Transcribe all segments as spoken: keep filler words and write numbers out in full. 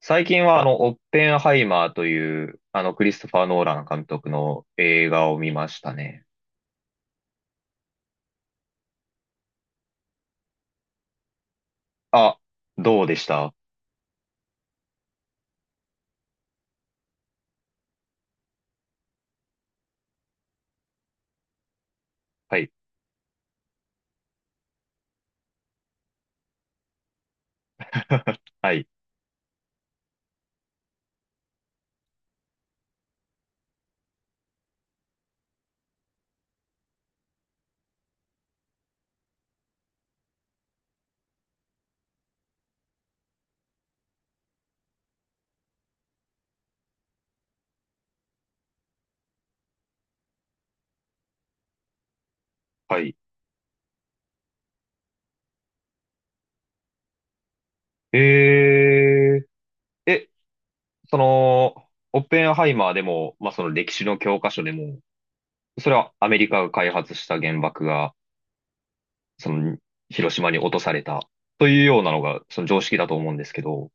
最近は、あの、オッペンハイマーという、あの、クリストファー・ノーラン監督の映画を見ましたね。あ、どうでした？はい。はい。はい。えー、え、その、オッペンハイマーでも、まあ、その歴史の教科書でも、それはアメリカが開発した原爆が、その、広島に落とされた、というようなのが、その常識だと思うんですけど、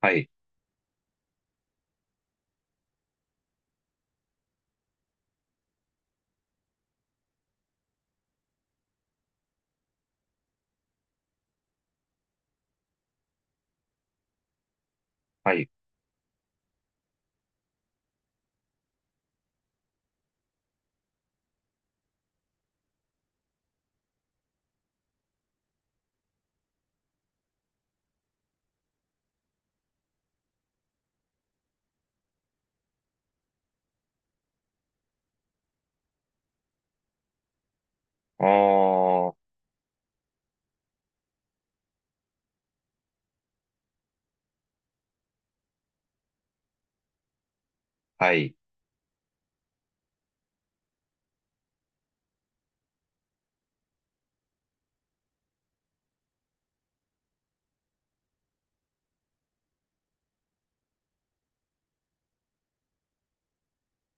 はい。はい。あー、はい。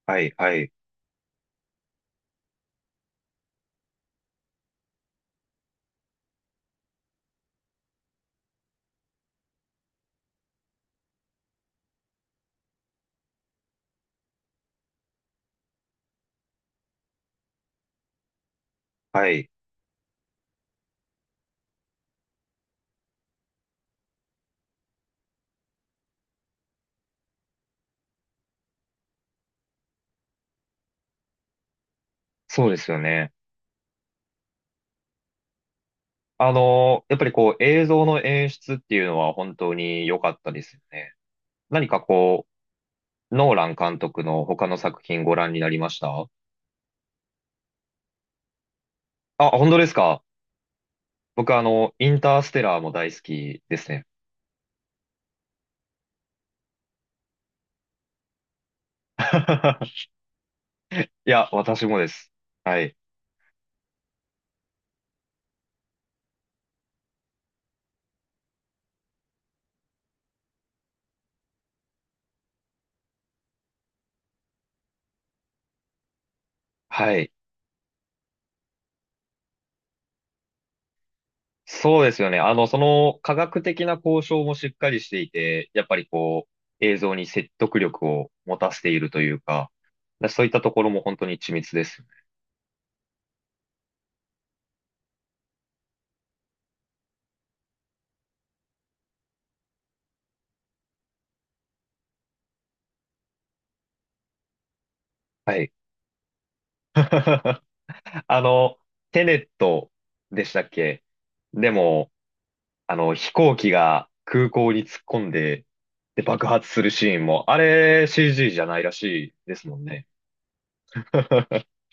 はい、はい、はい。そうですよね。あの、やっぱりこう映像の演出っていうのは本当に良かったですよね。何かこう、ノーラン監督の他の作品ご覧になりました？あ、本当ですか？僕あの、インターステラーも大好きですね。いや、私もです。はい。はい。そうですよね。あの、その科学的な交渉もしっかりしていて、やっぱりこう、映像に説得力を持たせているというか、そういったところも本当に緻密ですよね。はい。あの、テネットでしたっけ？でも、あの、飛行機が空港に突っ込んで、で、爆発するシーンも、あれ シージー じゃないらしいですもんね。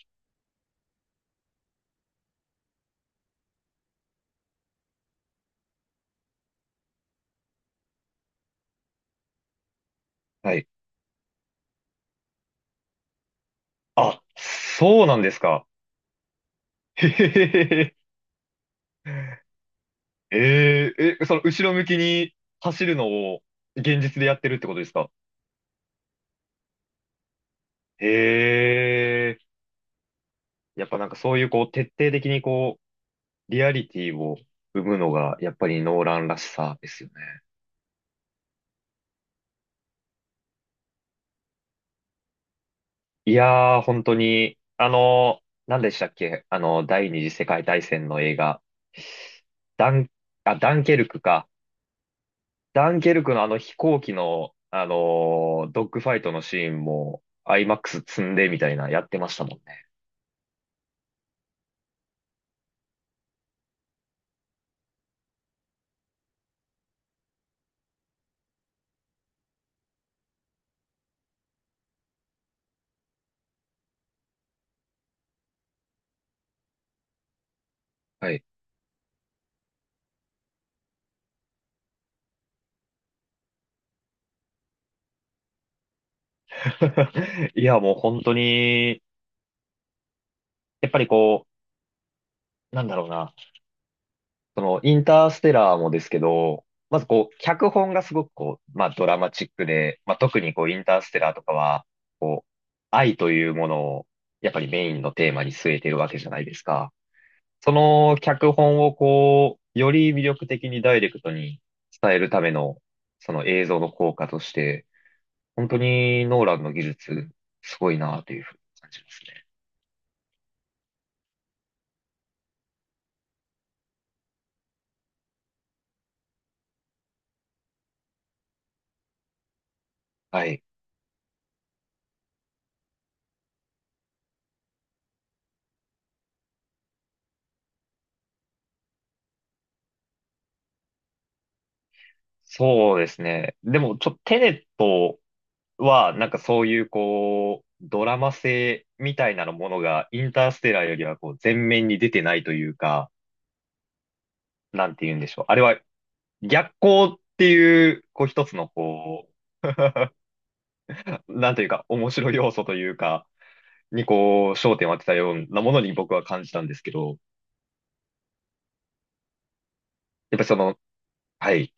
はい。あ、そうなんですか。へへへへ。えー、え、その後ろ向きに走るのを現実でやってるってことですか？へえ。やっぱなんかそういうこう徹底的にこう、リアリティを生むのがやっぱりノーランらしさですよね。いやー、本当に、あのー、何でしたっけ、あのー、第二次世界大戦の映画。ダン、あ、ダンケルクか。ダンケルクのあの飛行機の、あのー、ドッグファイトのシーンも、IMAX 積んでみたいな、やってましたもんね。はい。いや、もう本当に、やっぱりこう、なんだろうな。その、インターステラーもですけど、まずこう、脚本がすごくこう、まあドラマチックで、まあ特にこう、インターステラーとかは、こう、愛というものを、やっぱりメインのテーマに据えてるわけじゃないですか。その脚本をこう、より魅力的にダイレクトに伝えるための、その映像の効果として、本当にノーランの技術、すごいなというふうに感じますね。はい。そうですね。でも、ちょっとテネットは、なんかそういうこう、ドラマ性みたいなものがインターステラーよりはこう、前面に出てないというか、なんて言うんでしょう。あれは逆光っていう、こう一つのこう、なんというか面白い要素というか、にこう、焦点を当てたようなものに僕は感じたんですけど、やっぱりその、はい、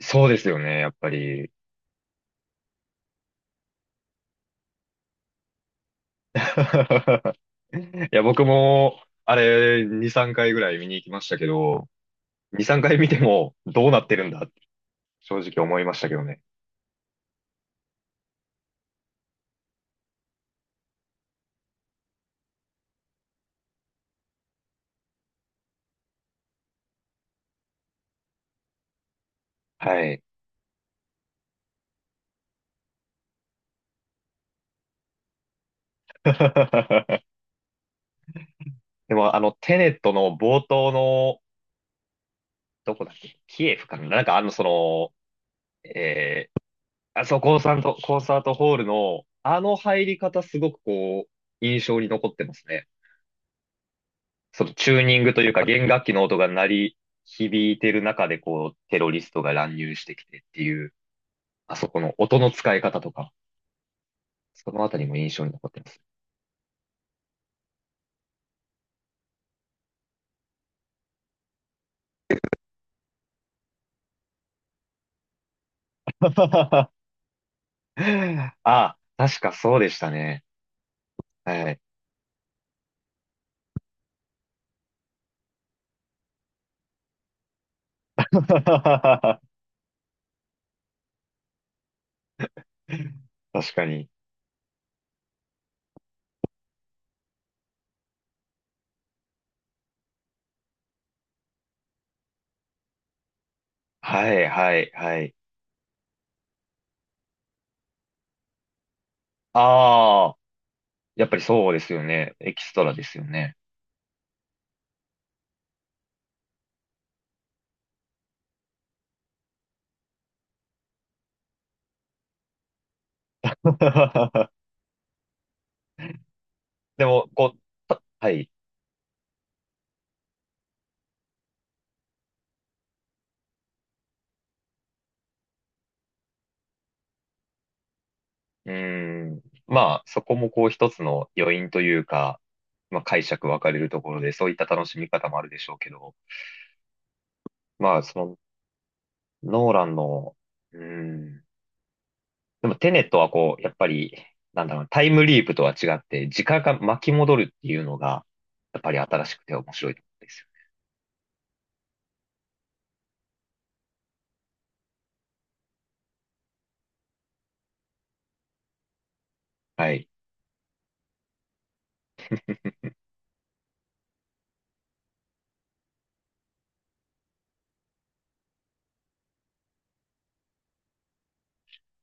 そうですよね、やっぱり。いや、僕も、あれ、に、さんかいぐらい見に行きましたけど、に、さんかい見てもどうなってるんだっ正直思いましたけどね。はい。でも、あの、テネットの冒頭の、どこだっけキエフかななんかあの、その、えー、あそこコンサート、コンサートホールの、あの入り方すごくこう、印象に残ってますね。そのチューニングというか弦楽器の音が鳴り響いてる中でこう、テロリストが乱入してきてっていう、あそこの音の使い方とか、そのあたりも印象に残ってます。ああ、確かそうでしたね。はい。確かに。はい、はい、はい。ああ、やっぱりそうですよね。エキストラですよね。でも、こう、たはい。うーん。まあ、そこもこう一つの余韻というか、まあ解釈分かれるところで、そういった楽しみ方もあるでしょうけど、まあ、その、ノーランの、うーん。でも、テネットはこう、やっぱり、なんだろう、タイムリープとは違って、時間が巻き戻るっていうのが、やっぱり新しくて面白いところですよね。はい。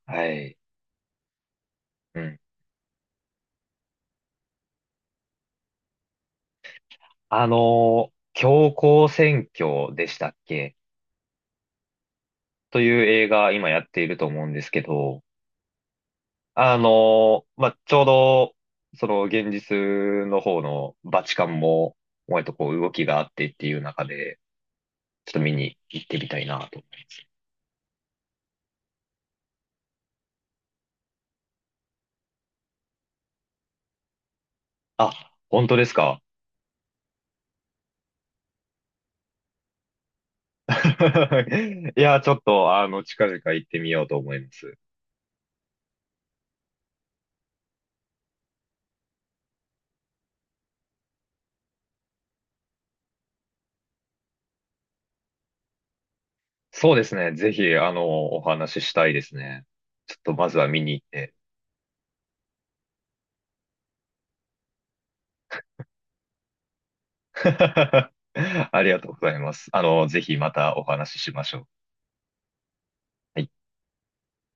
はい。うん。あの、強行選挙でしたっけという映画、今やっていると思うんですけど、あの、まあ、ちょうど、その現実の方のバチカンも、割とこう動きがあってっていう中で、ちょっと見に行ってみたいなと思います。あ、本当ですか？ いや、ちょっと、あの、近々行ってみようと思います。そうですね。ぜひ、あの、お話ししたいですね。ちょっとまずは見に行って。ありがとうございます。あの、ぜひまたお話ししましょう。はい。